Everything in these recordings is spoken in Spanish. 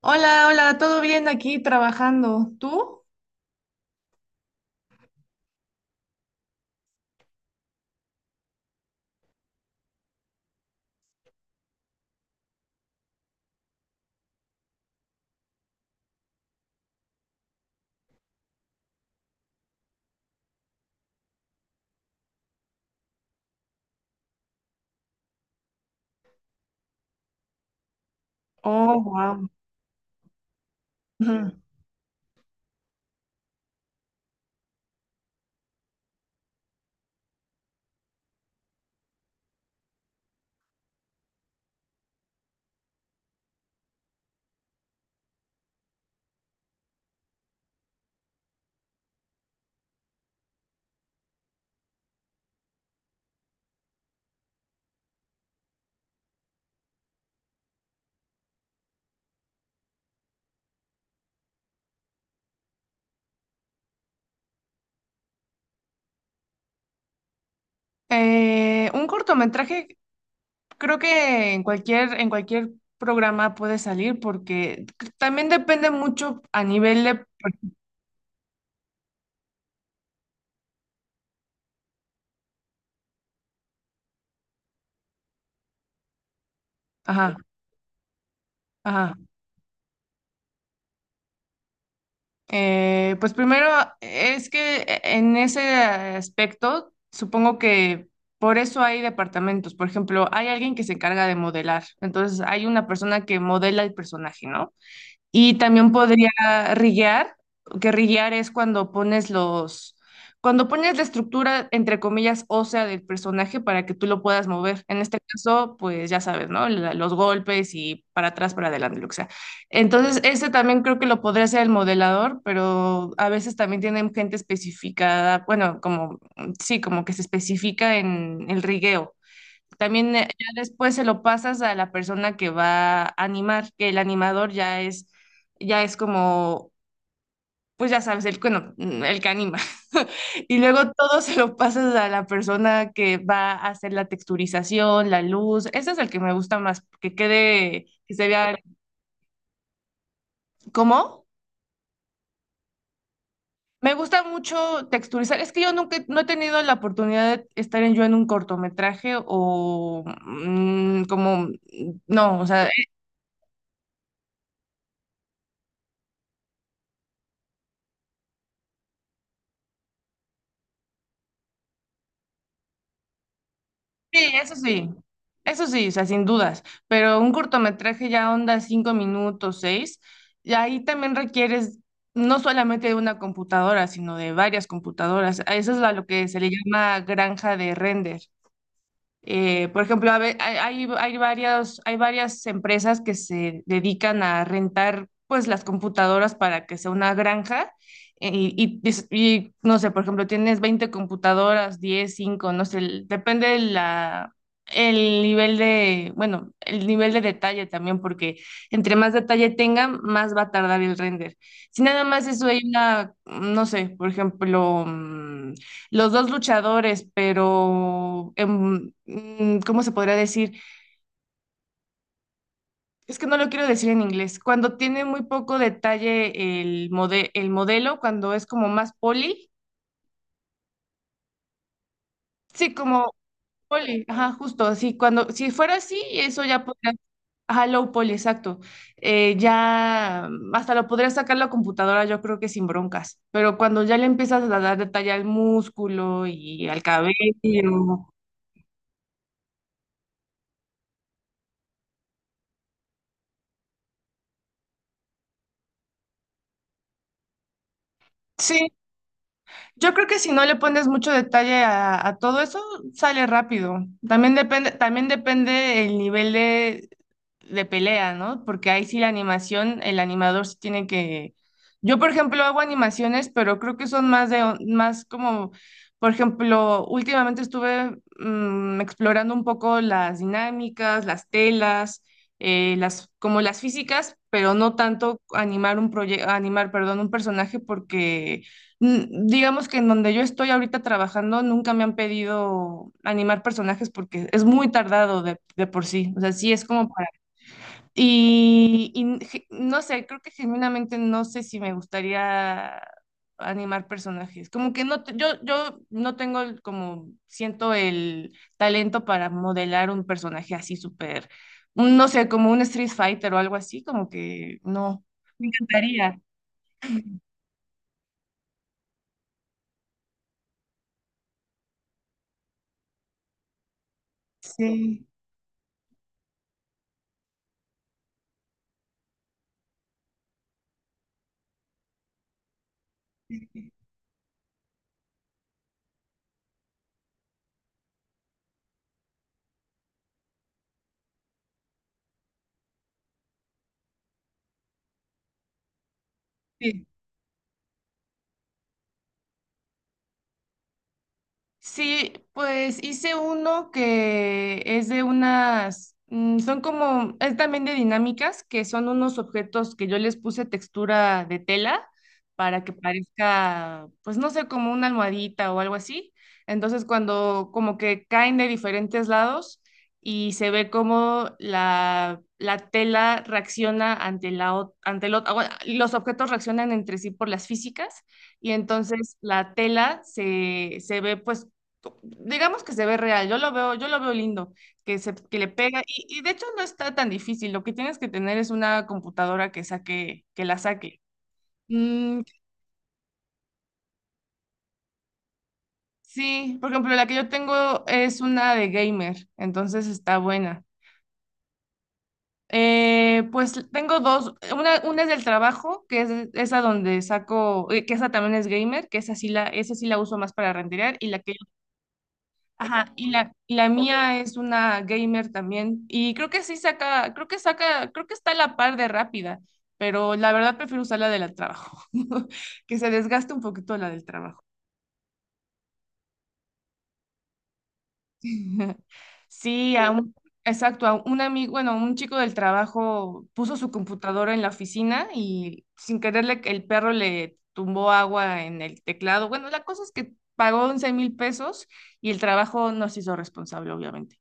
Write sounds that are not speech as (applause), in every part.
Hola, hola, ¿todo bien aquí trabajando? ¿Tú? Oh, wow. Un cortometraje, creo que en cualquier programa puede salir, porque también depende mucho a nivel de... Ajá, ajá. Pues primero es que en ese aspecto supongo que por eso hay departamentos. Por ejemplo, hay alguien que se encarga de modelar. Entonces hay una persona que modela el personaje, ¿no? Y también podría riguear, que riguear es cuando pones los, cuando pones la estructura, entre comillas, ósea del personaje para que tú lo puedas mover. En este caso, pues ya sabes, ¿no? La- los golpes y para atrás, para adelante, lo que sea. Entonces, ese también creo que lo podría hacer el modelador, pero a veces también tienen gente especificada, bueno, como, sí, como que se especifica en el rigueo. También ya después se lo pasas a la persona que va a animar, que el animador ya es como, pues ya sabes, el, bueno, el que anima. (laughs) Y luego todo se lo pasas a la persona que va a hacer la texturización, la luz. Ese es el que me gusta más, que quede, que se vea, ¿cómo? Me gusta mucho texturizar. Es que yo nunca no he tenido la oportunidad de estar en un cortometraje o no, o sea, sí, eso sí, eso sí, o sea, sin dudas, pero un cortometraje ya onda 5 minutos, seis, y ahí también requieres no solamente de una computadora, sino de varias computadoras. A eso es a lo que se le llama granja de render. Por ejemplo, a ve- hay hay varias empresas que se dedican a rentar pues las computadoras para que sea una granja, no sé, por ejemplo, tienes 20 computadoras, 10, 5, no sé, depende de la, bueno, el nivel de detalle también, porque entre más detalle tenga, más va a tardar el render. Si nada más eso hay una, no sé, por ejemplo... mm, los dos luchadores, pero ¿cómo se podría decir? Es que no lo quiero decir en inglés. Cuando tiene muy poco detalle el el modelo, cuando es como más poli, sí, como poli, ajá, justo así. Cuando, si fuera así, eso ya podría, ajá, low poly, exacto. Ya hasta lo podría sacar la computadora, yo creo que sin broncas. Pero cuando ya le empiezas a dar detalle al músculo y al cabello, sí. Yo creo que si no le pones mucho detalle a todo eso, sale rápido. También depende el nivel de pelea, ¿no? Porque ahí sí la animación, el animador sí tiene que... Yo, por ejemplo, hago animaciones, pero creo que son más como, por ejemplo, últimamente estuve explorando un poco las dinámicas, las telas, como las físicas, pero no tanto animar un proyecto, animar, perdón, un personaje, porque mm, digamos que en donde yo estoy ahorita trabajando, nunca me han pedido animar personajes porque es muy tardado de por sí. O sea, sí es como no sé, creo que genuinamente no sé si me gustaría animar personajes. Como que no, yo no tengo como siento el talento para modelar un personaje así súper, no sé, como un Street Fighter o algo así, como que no. Me encantaría. Sí. Sí. Sí, pues hice uno que es de unas, es también de dinámicas, que son unos objetos que yo les puse textura de tela para que parezca, pues no sé, como una almohadita o algo así. Entonces cuando como que caen de diferentes lados y se ve como la tela reacciona ante la, ot- ante lo- ah, bueno, los objetos reaccionan entre sí por las físicas y entonces la tela se ve pues, digamos que se ve real, yo lo veo lindo, que se, que le pega, y de hecho no está tan difícil, lo que tienes que tener es una computadora que saque, que la saque. Mm, sí, por ejemplo, la que yo tengo es una de gamer, entonces está buena. Pues tengo dos, una es del trabajo, que es esa donde saco, que esa también es gamer, que esa sí la uso más para renderear, y la que ajá, y la mía es una gamer también. Y creo que sí saca, creo que está a la par de rápida, pero la verdad prefiero usar la del trabajo, (laughs) que se desgaste un poquito la del trabajo. (laughs) Sí, exacto, a un amigo, bueno, un chico del trabajo puso su computadora en la oficina y sin quererle el perro le tumbó agua en el teclado. Bueno, la cosa es que pagó 11,000 pesos y el trabajo nos hizo responsable, obviamente.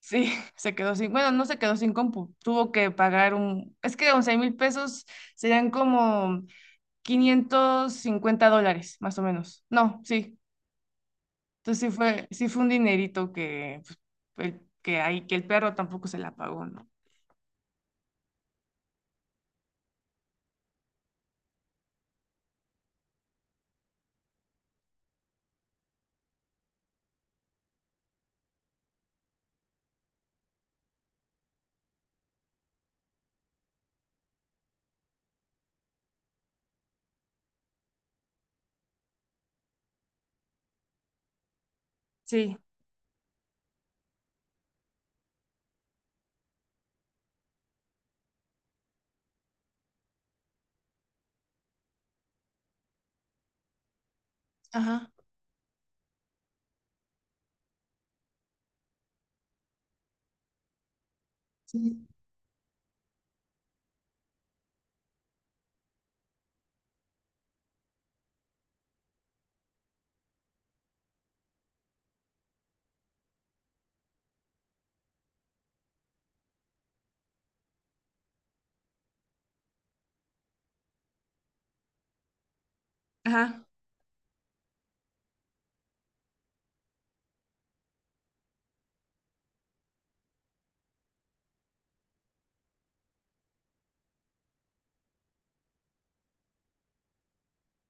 Sí, (laughs) se quedó sin, bueno, no se quedó sin compu, tuvo que pagar un, es que 11 mil pesos serían como 550 dólares, más o menos. No, sí, entonces sí fue un dinerito que, pues, el- que ahí, que el perro tampoco se la pagó, ¿no? Sí, ajá, sí, ajá,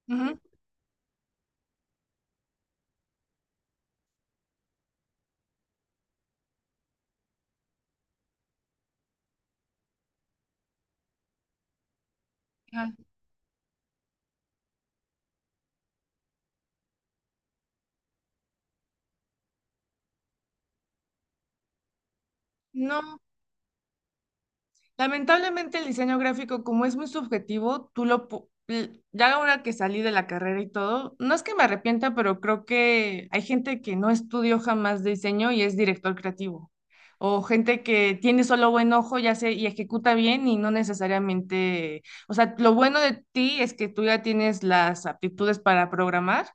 ujú, ajá. No, lamentablemente el diseño gráfico, como es muy subjetivo, tú lo... pu- l- Ya ahora que salí de la carrera y todo, no es que me arrepienta, pero creo que hay gente que no estudió jamás diseño y es director creativo. O gente que tiene solo buen ojo, ya sé, y ejecuta bien y no necesariamente... O sea, lo bueno de ti es que tú ya tienes las aptitudes para programar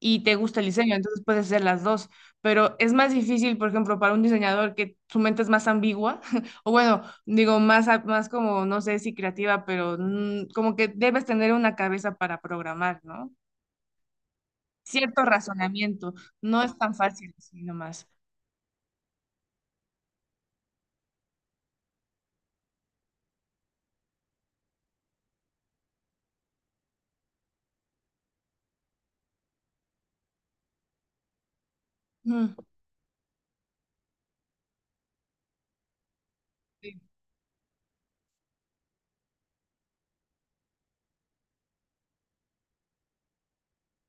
y te gusta el diseño, entonces puedes hacer las dos. Pero es más difícil, por ejemplo, para un diseñador que su mente es más ambigua o bueno, digo, más como, no sé si creativa, pero como que debes tener una cabeza para programar, ¿no? Cierto razonamiento. No es tan fácil así nomás. Mm, sí,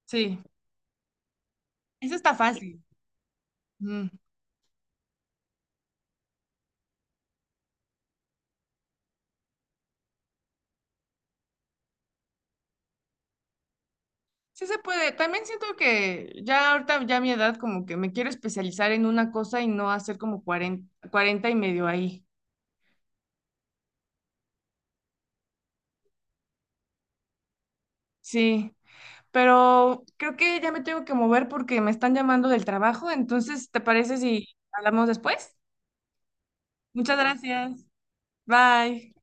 sí, eso está fácil. Mm, Sí se puede. También siento que ya ahorita, ya a mi edad, como que me quiero especializar en una cosa y no hacer como 40 40 y medio ahí. Sí, pero creo que ya me tengo que mover porque me están llamando del trabajo. Entonces, ¿te parece si hablamos después? Muchas gracias. Bye.